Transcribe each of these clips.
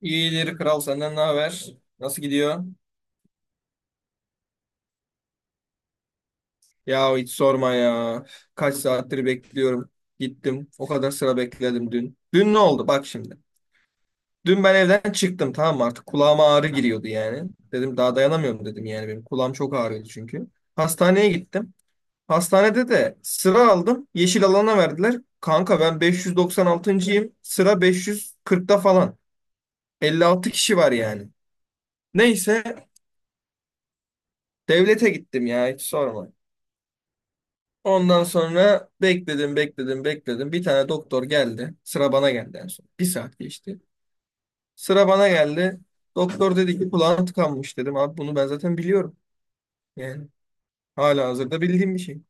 İyidir kral senden ne haber? Nasıl gidiyor? Ya hiç sorma ya. Kaç saattir bekliyorum. Gittim. O kadar sıra bekledim dün. Dün ne oldu? Bak şimdi. Dün ben evden çıktım, tamam mı? Artık kulağıma ağrı giriyordu yani. Dedim daha dayanamıyorum dedim yani benim. Kulağım çok ağrıyordu çünkü. Hastaneye gittim. Hastanede de sıra aldım. Yeşil alana verdiler. Kanka ben 596.yim. Sıra 540'ta falan. 56 kişi var yani. Neyse devlete gittim, ya hiç sorma. Ondan sonra bekledim, bekledim, bekledim. Bir tane doktor geldi. Sıra bana geldi en son. Bir saat geçti. Sıra bana geldi. Doktor dedi ki kulağın tıkanmış, dedim abi bunu ben zaten biliyorum. Yani hala hazırda bildiğim bir şey.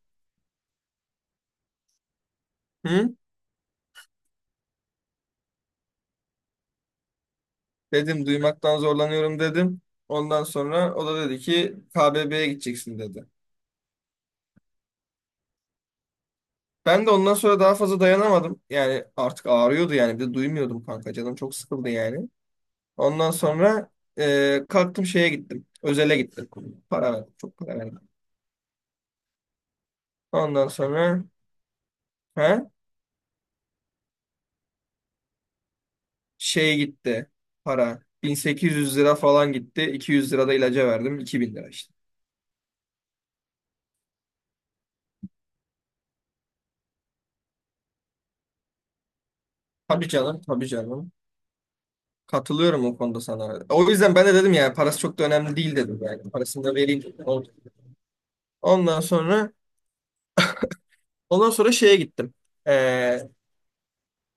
Hı? Dedim duymaktan zorlanıyorum dedim. Ondan sonra o da dedi ki KBB'ye gideceksin dedi. Ben de ondan sonra daha fazla dayanamadım. Yani artık ağrıyordu yani. Bir de duymuyordum kanka. Canım çok sıkıldı yani. Ondan sonra kalktım şeye gittim. Özele gittim. Para verdim. Çok para verdim. Ondan sonra ha, şey gitti para. 1800 lira falan gitti. 200 lira da ilaca verdim. 2000 lira işte. Tabii canım, tabii canım. Katılıyorum o konuda sana. O yüzden ben de dedim yani parası çok da önemli değil dedim yani. Parasını da vereyim dedim. Oldu. Ondan sonra ondan sonra şeye gittim. Ee,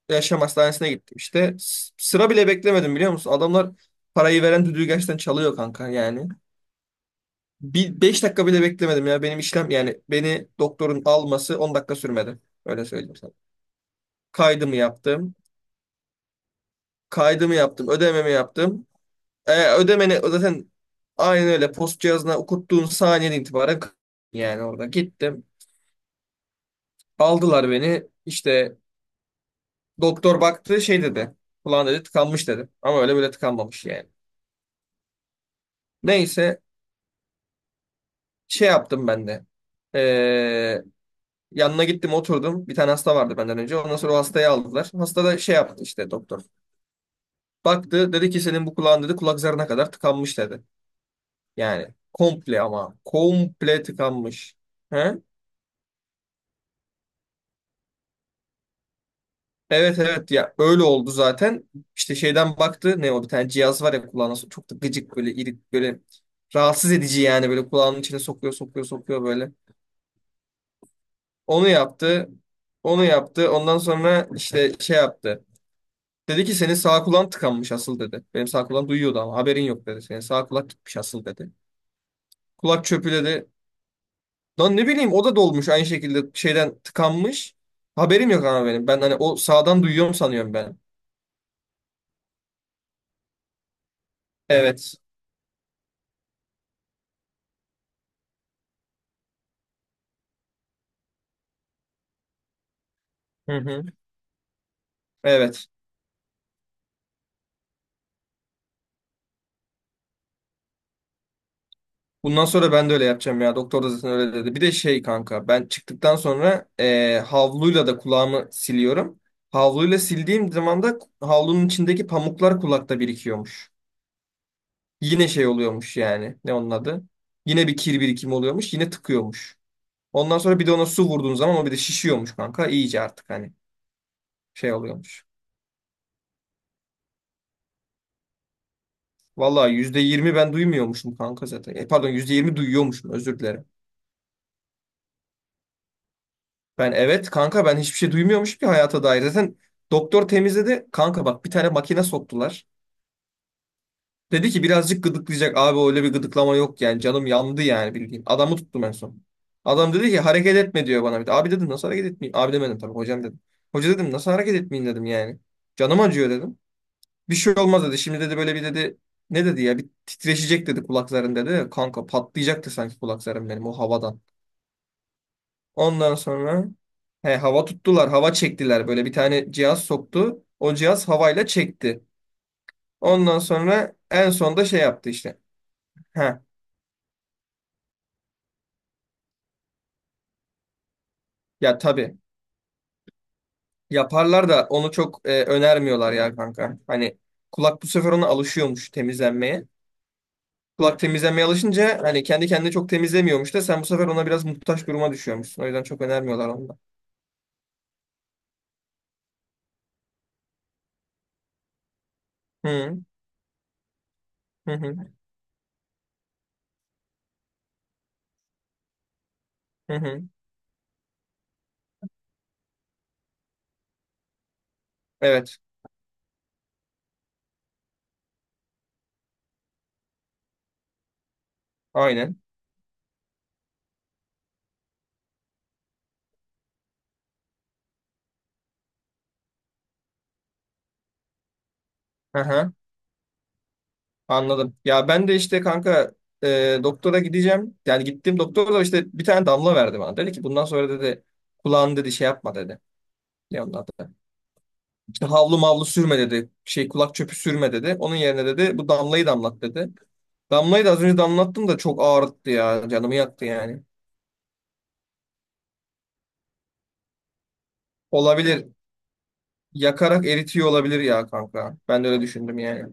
yaşam hastanesine gittim işte. Sıra bile beklemedim, biliyor musun? Adamlar parayı veren düdüğü gerçekten çalıyor kanka yani. Bir 5 dakika bile beklemedim ya. Benim işlem yani beni doktorun alması 10 dakika sürmedi. Öyle söyleyeyim sana. Kaydımı yaptım. Kaydımı yaptım. Ödememi yaptım. Ödemeni zaten aynen öyle post cihazına okuttuğun saniyeden itibaren yani orada gittim. Aldılar beni. İşte doktor baktı şey dedi. Kulağın dedi tıkanmış dedi. Ama öyle böyle tıkanmamış yani. Neyse şey yaptım ben de. E, Yanına gittim oturdum. Bir tane hasta vardı benden önce. Ondan sonra o hastayı aldılar. Hasta da şey yaptı işte doktor. Baktı dedi ki senin bu kulağın dedi kulak zarına kadar tıkanmış dedi. Yani komple ama komple tıkanmış. He? Evet evet ya, öyle oldu zaten. İşte şeyden baktı ne o bir tane cihaz var ya kulağına çok da gıcık böyle irik böyle rahatsız edici yani böyle kulağının içine sokuyor sokuyor sokuyor böyle. Onu yaptı. Onu yaptı. Ondan sonra işte şey yaptı. Dedi ki senin sağ kulağın tıkanmış asıl dedi. Benim sağ kulağım duyuyordu ama haberin yok dedi. Senin sağ kulak gitmiş asıl dedi. Kulak çöpü dedi. Lan ne bileyim o da dolmuş aynı şekilde şeyden tıkanmış. Haberim yok ama benim. Ben hani o sağdan duyuyorum sanıyorum ben. Evet. Evet. Hı hı. Evet. Bundan sonra ben de öyle yapacağım ya. Doktor da zaten öyle dedi. Bir de şey kanka ben çıktıktan sonra havluyla da kulağımı siliyorum. Havluyla sildiğim zaman da havlunun içindeki pamuklar kulakta birikiyormuş. Yine şey oluyormuş yani. Ne onun adı? Yine bir kir birikimi oluyormuş. Yine tıkıyormuş. Ondan sonra bir de ona su vurduğun zaman o bir de şişiyormuş kanka. İyice artık hani şey oluyormuş. Vallahi %20 ben duymuyormuşum kanka zaten. Pardon, %20 duyuyormuşum, özür dilerim. Ben evet kanka ben hiçbir şey duymuyormuşum ki hayata dair. Zaten doktor temizledi. Kanka bak bir tane makine soktular. Dedi ki birazcık gıdıklayacak. Abi öyle bir gıdıklama yok yani. Canım yandı yani bildiğin. Adamı tuttum en son. Adam dedi ki hareket etme diyor bana bir de. Abi dedim nasıl hareket etmeyeyim? Abi demedim tabii, hocam dedim. Hoca dedim nasıl hareket etmeyeyim dedim yani. Canım acıyor dedim. Bir şey olmaz dedi. Şimdi dedi böyle bir dedi. Ne dedi ya? Bir titreşecek dedi kulakların dedi. Kanka patlayacaktı sanki kulaklarım benim o havadan. Ondan sonra he, hava tuttular. Hava çektiler. Böyle bir tane cihaz soktu. O cihaz havayla çekti. Ondan sonra en sonda şey yaptı işte. He. Ya tabii. Yaparlar da onu çok önermiyorlar ya kanka. Hani kulak bu sefer ona alışıyormuş temizlenmeye. Kulak temizlenmeye alışınca hani kendi kendini çok temizlemiyormuş da sen bu sefer ona biraz muhtaç duruma düşüyormuşsun. O yüzden çok önermiyorlar onu da. Hı hı, hı hı. Hı. Evet. Aynen. Aha, anladım. Ya ben de işte kanka doktora gideceğim. Yani gittim doktor da işte bir tane damla verdi bana. Dedi ki bundan sonra dedi kulağını dedi şey yapma dedi. Ne onlar da. İşte havlu mavlu sürme dedi. Şey kulak çöpü sürme dedi. Onun yerine dedi bu damlayı damlat dedi. Damlayı da az önce damlattım da çok ağrıttı ya. Canımı yaktı yani. Olabilir. Yakarak eritiyor olabilir ya kanka. Ben de öyle düşündüm yani.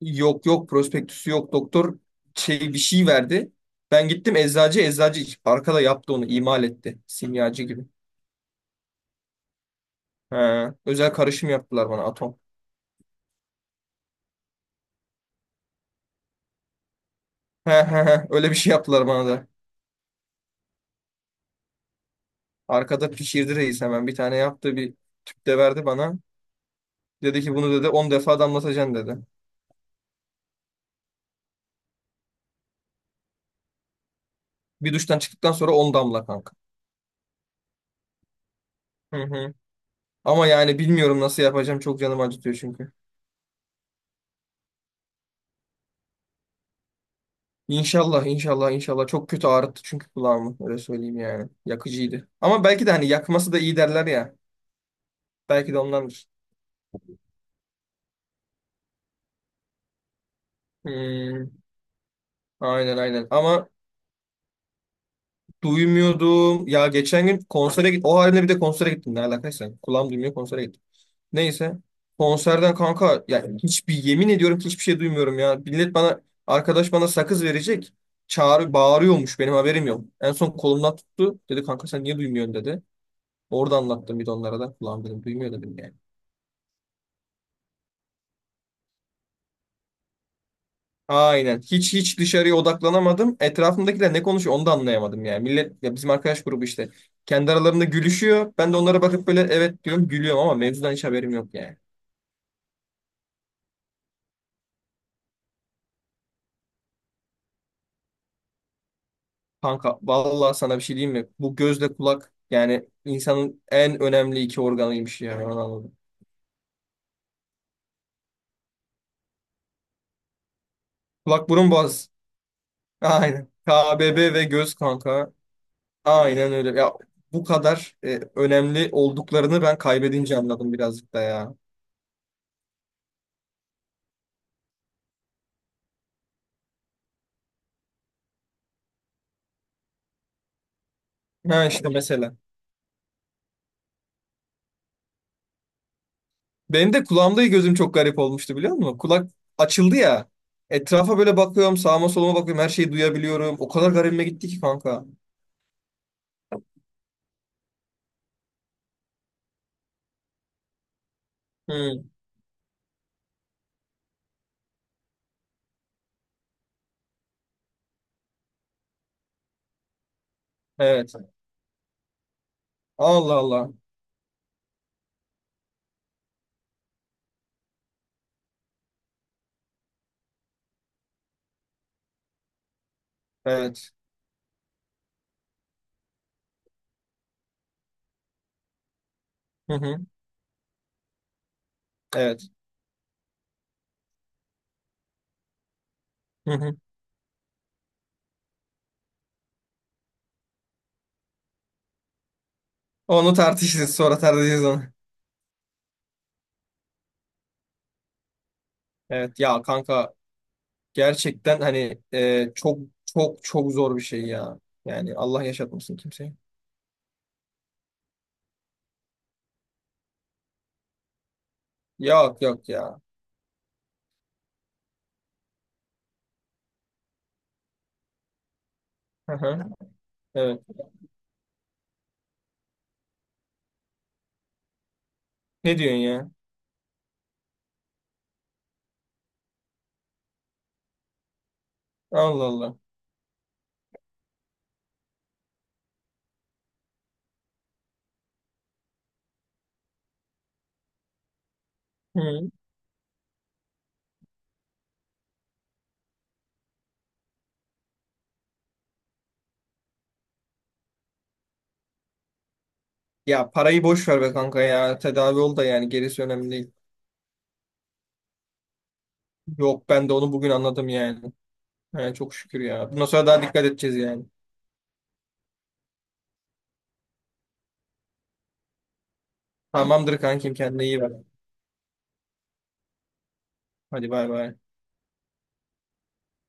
Yok yok, prospektüsü yok. Doktor şey bir şey verdi. Ben gittim eczacı arkada yaptı onu, imal etti. Simyacı gibi. He, özel karışım yaptılar bana, atom. He, he, he. Öyle bir şey yaptılar bana da. Arkada pişirdi reis, hemen bir tane yaptı, bir tüp de verdi bana. Dedi ki bunu dedi 10 defa damlatacaksın dedi. Bir duştan çıktıktan sonra 10 damla kanka. Hı hı. Ama yani bilmiyorum nasıl yapacağım. Çok canım acıtıyor çünkü. İnşallah, inşallah, inşallah. Çok kötü ağrıttı çünkü kulağımı. Öyle söyleyeyim yani. Yakıcıydı. Ama belki de hani yakması da iyi derler ya. Belki de ondandır. Hmm, aynen aynen. Ama duymuyordum. Ya geçen gün konsere git. O halde bir de konsere gittim. Ne alakaysa. Kulağım duymuyor konsere gittim. Neyse. Konserden kanka ya hiçbir, yemin ediyorum ki hiçbir şey duymuyorum ya. Millet bana, arkadaş bana sakız verecek. Çağrı bağırıyormuş benim haberim yok. En son kolumdan tuttu. Dedi kanka sen niye duymuyorsun dedi. Orada anlattım bir de onlara da. Ulan dedim duymuyor dedim yani. Aynen. Hiç hiç dışarıya odaklanamadım. Etrafımdakiler ne konuşuyor onu da anlayamadım yani. Millet ya bizim arkadaş grubu işte. Kendi aralarında gülüşüyor. Ben de onlara bakıp böyle evet diyorum gülüyorum ama mevzudan hiç haberim yok yani. Kanka vallahi sana bir şey diyeyim mi? Bu gözle kulak yani insanın en önemli iki organıymış yani onu anladım. Kulak burun boğaz. Aynen. KBB ve göz kanka. Aynen öyle. Ya bu kadar önemli olduklarını ben kaybedince anladım birazcık da ya. Ha işte mesela. Benim de kulağımda gözüm çok garip olmuştu, biliyor musun? Kulak açıldı ya. Etrafa böyle bakıyorum, sağıma soluma bakıyorum, her şeyi duyabiliyorum. O kadar garibime gitti ki kanka. Hı, evet. Allah Allah. Evet. Hı hı. Evet. Hı hı. Onu tartışırız, sonra tartışırız onu. Evet ya kanka, gerçekten hani çok çok çok zor bir şey ya. Yani Allah yaşatmasın kimseye. Yok yok ya. Hı hı. Evet. Ne diyorsun ya? Allah Allah. Hı. Ya parayı boş ver be kanka ya. Tedavi ol da yani gerisi önemli değil. Yok, ben de onu bugün anladım yani. He, çok şükür ya. Bundan sonra daha dikkat edeceğiz yani. Tamamdır kankim, kendine iyi bak. Hadi bay bay.